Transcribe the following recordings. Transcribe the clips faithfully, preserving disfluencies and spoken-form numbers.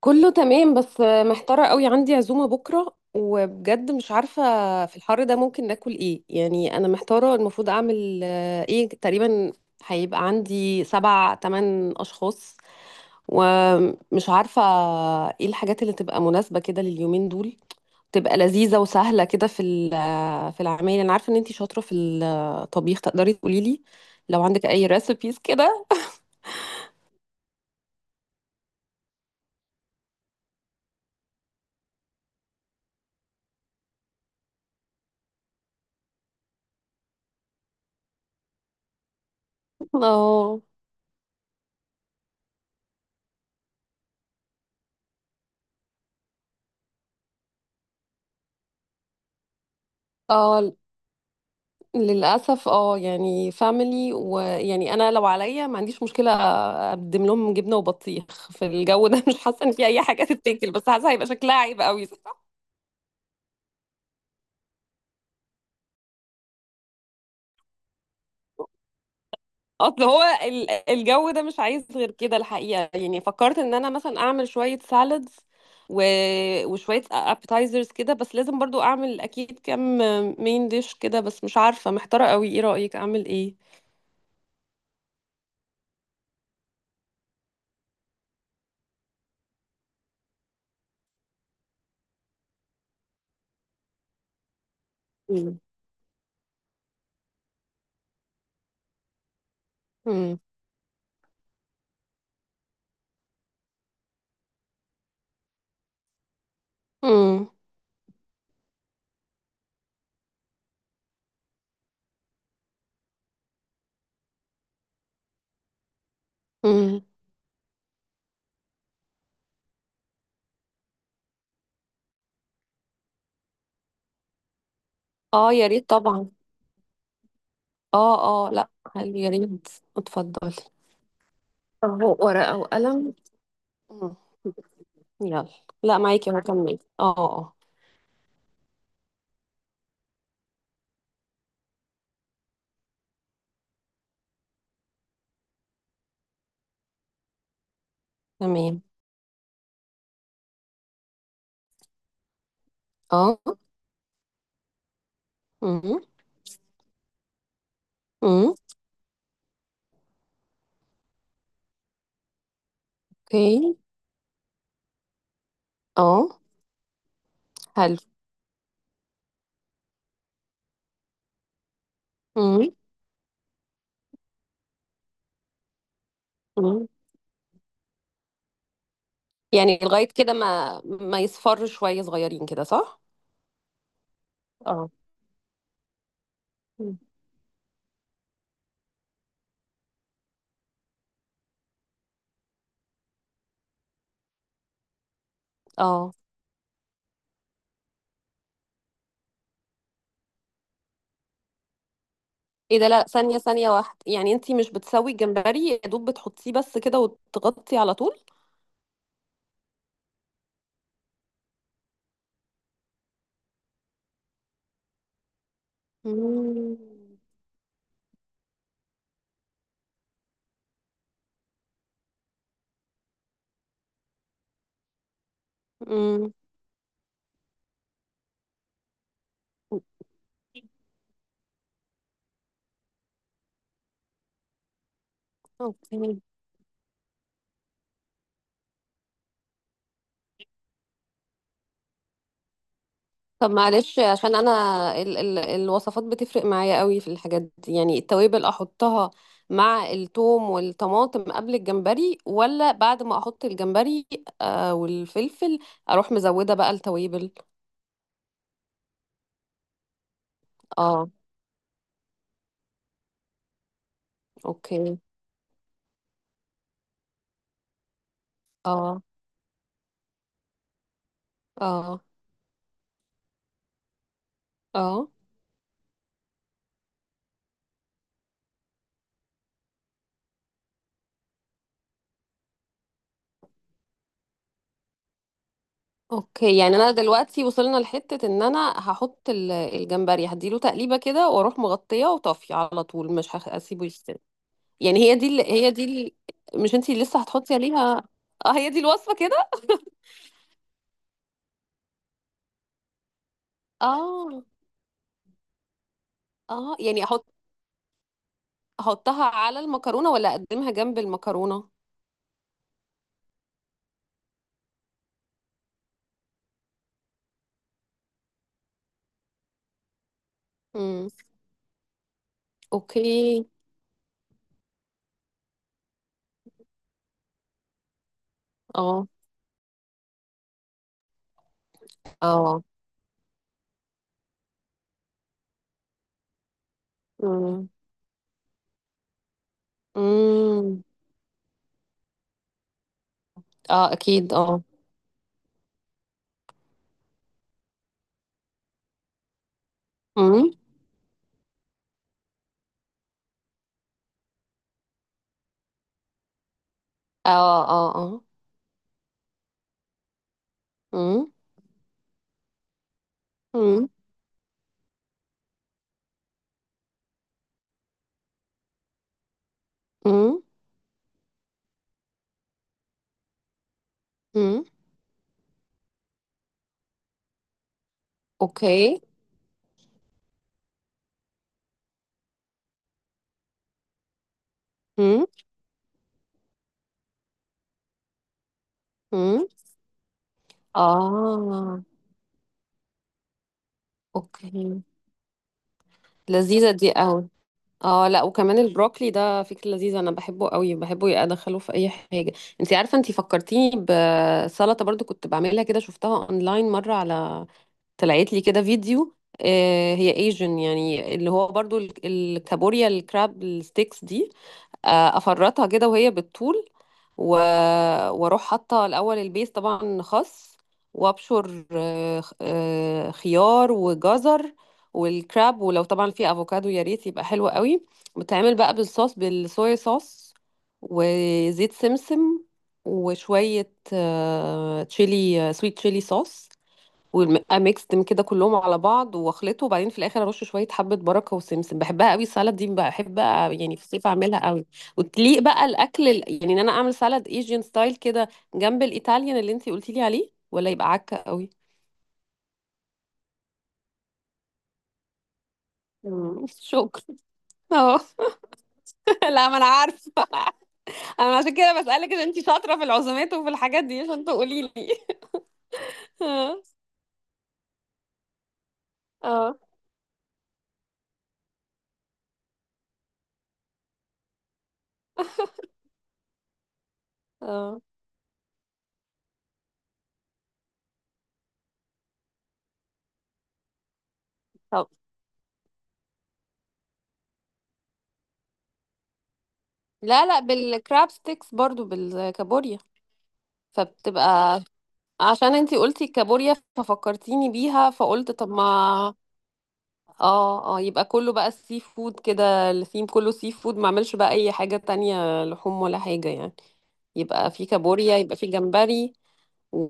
كله تمام، بس محتارة قوي. عندي عزومة بكرة وبجد مش عارفة في الحر ده ممكن ناكل ايه. يعني انا محتارة المفروض اعمل آه، ايه تقريبا. هيبقى عندي سبع تمن اشخاص ومش عارفة ايه الحاجات اللي تبقى مناسبة كده لليومين دول، تبقى لذيذة وسهلة كده في ال- آه، في العمايل. انا عارفة ان انتي شاطرة في الطبيخ، تقدري تقولي لي لو عندك اي ريسبيز كده. اه، اه. للأسف اه يعني فاميلي، ويعني أنا لو عليا ما عنديش مشكلة أقدم لهم جبنة وبطيخ في الجو ده. مش حاسة إن في أي حاجة تتاكل، بس حاسة هيبقى شكلها عيب قوي. أصل هو ال- الجو ده مش عايز غير كده الحقيقة. يعني فكرت إن أنا مثلا أعمل شوية سالادز و... وشوية أبتايزرز كده، بس لازم برضو أعمل أكيد كام مين ديش كده. بس مش عارفة، محتارة قوي، إيه رأيك أعمل إيه؟ مم. مم. مم. مم. اه، يا ريت طبعا. اه اه، لا حلو، يا ريت. اتفضلي. اهو ورقة وقلم. مم. يلا. لا معاكي، اهو كملي. اه اه آه. تمام. اه. امم امم اوكي. اه. حلو. امم امم يعني لغاية كده ما ما يصفر شوية صغيرين كده، صح؟ اه. مم. اه، ايه ده؟ لا ثانية ثانية واحدة، يعني انتي مش بتسوي الجمبري يا دوب، بتحطيه بس كده وتغطي على طول؟ امم امم اوكي. طب معلش، عشان انا ال ال الوصفات بتفرق معايا قوي في الحاجات دي. يعني التوابل احطها مع الثوم والطماطم قبل الجمبري ولا بعد ما احط الجمبري آه والفلفل، اروح مزودة بقى التوابل؟ اه. اوكي. اه اه اه اوكي. يعني انا دلوقتي وصلنا لحتة ان انا هحط ال- الجمبري، هديله تقليبة كده واروح مغطية وطافية على طول، مش هسيبه يستوي. يعني هي دي ال... هي دي ال... مش انتي لسه هتحطي عليها؟ اه، هي دي الوصفة كده. اه اه، يعني احط احطها على المكرونة ولا اقدمها جنب المكرونة؟ امم. اوكي. اه. اه. امم. امم. اه اكيد اه. امم. اه اه اه امم امم امم امم اوكي. امم امم اه. اوكي. لذيذة دي قوي. اه، لا وكمان البروكلي ده فكرة لذيذة. انا بحبه قوي، بحبه يا ادخله في اي حاجة. انت عارفة، انت فكرتيني بسلطة برضو كنت بعملها كده، شفتها اونلاين مرة على، طلعت لي كده فيديو، آه هي ايجن، يعني اللي هو برضو ال- الكابوريا الكراب الستيكس دي، آه، افرطها كده وهي بالطول و... واروح حاطه الاول البيس، طبعا خس، وابشر آه، خ- آه، خيار وجزر، والكراب، ولو طبعا في افوكادو يا ريت، يبقى حلو قوي. بتعمل بقى بالصوص بالصويا صوص وزيت سمسم، وشويه آه، تشيلي سويت تشيلي صوص، ويبقى ميكستم كده كلهم على بعض، واخلطه، وبعدين في الاخر ارش شويه حبه بركه وسمسم. بحبها قوي السلطه دي، بحب يعني في الصيف اعملها قوي. وتليق بقى الاكل ال- يعني ان انا اعمل سلطه ايجين ستايل كده جنب الايطاليان اللي انتي قلتي لي عليه، ولا يبقى عكه قوي؟ مم. شكرا. اهو. لا ما انا عارفه. انا عشان كده بسالك، ان انتي شاطره في العزومات وفي الحاجات دي، عشان تقولي لي. اه اه اه. طب لا لا، بالكراب ستيكس، برضو بالكابوريا، فبتبقى. عشان انتي قلتي الكابوريا ففكرتيني بيها، فقلت طب ما. اه اه، يبقى كله بقى السي فود كده، الثيم كله سي فود، ما اعملش بقى اي حاجة تانية لحوم ولا حاجة يعني. يبقى في كابوريا، يبقى في جمبري و...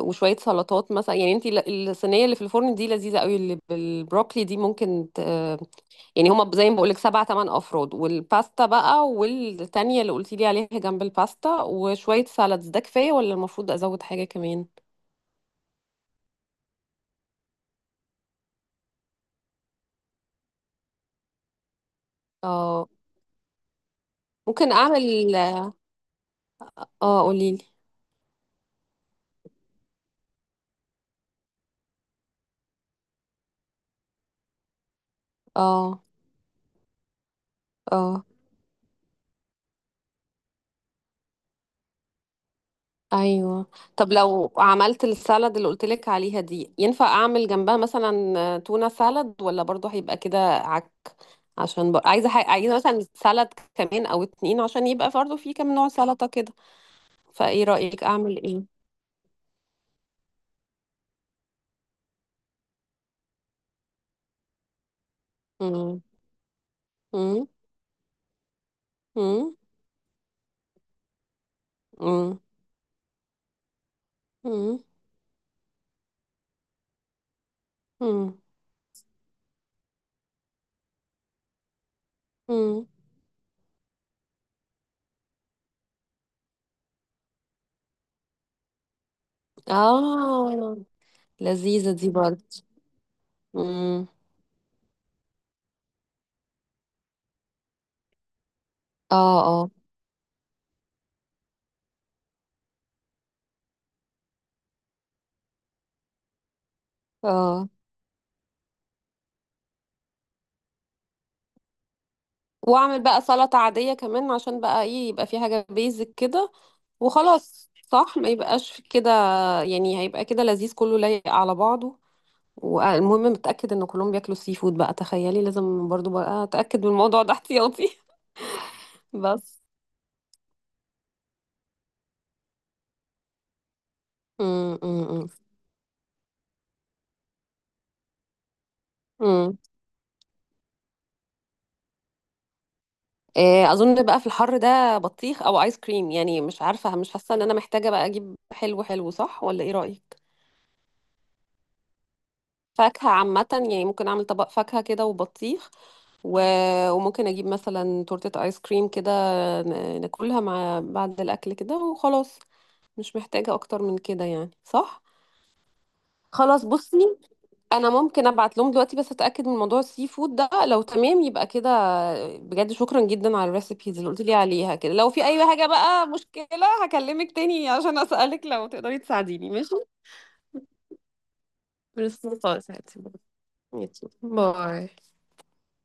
وشوية سلطات مثلا. يعني انتي ال- الصينية اللي في الفرن دي لذيذة قوي، اللي بالبروكلي دي ممكن ت... يعني هما زي ما بقولك سبع تمن افراد، والباستا بقى والتانية اللي قلتيلي عليها جنب الباستا، وشوية سالادز، ده كفاية ولا المفروض ازود حاجة كمان؟ اه. ممكن اعمل. اه، قوليلي. اه اه ايوه. طب لو عملت السالاد اللي قلتلك عليها دي، ينفع اعمل جنبها مثلا تونة سالاد، ولا برضو هيبقى كده عك؟ عشان بر... عايزه ح... عايزه مثلا سالاد كمان او اتنين، عشان يبقى برضو في كام نوع سلطه كده. فايه رأيك اعمل ايه؟ مم. مم. مم. مم. مم. مم. مم. اه، لذيذه دي برضو. مم. اه اه اه. واعمل بقى سلطة عادية كمان، عشان بقى ايه، يبقى في حاجة بيزك كده وخلاص، صح؟ ما يبقاش في كده. يعني هيبقى كده لذيذ كله، لايق على بعضه. والمهم متأكد ان كلهم بياكلوا السي فود بقى. تخيلي لازم برضو بقى اتأكد من الموضوع ده احتياطي. بس. امم امم امم إيه، اظن بقى في الحر ده بطيخ او ايس كريم. يعني مش عارفة، مش حاسة ان انا محتاجة بقى اجيب حلو حلو، صح؟ ولا ايه رأيك؟ فاكهة عامة، يعني ممكن أعمل طبق فاكهة كده وبطيخ، و... وممكن أجيب مثلا تورتة آيس كريم كده، ن- ناكلها مع بعد الأكل كده وخلاص. مش محتاجة أكتر من كده يعني، صح؟ خلاص بصي، أنا ممكن أبعت لهم دلوقتي بس أتأكد من موضوع السي فود ده، لو تمام يبقى كده. بجد شكرا جدا على الريسبيز اللي قلت لي عليها كده. لو في أي حاجة بقى مشكلة هكلمك تاني عشان أسألك، لو تقدري تساعديني، ماشي؟ بس خلاص يا حبيبتي. ماشي. باي.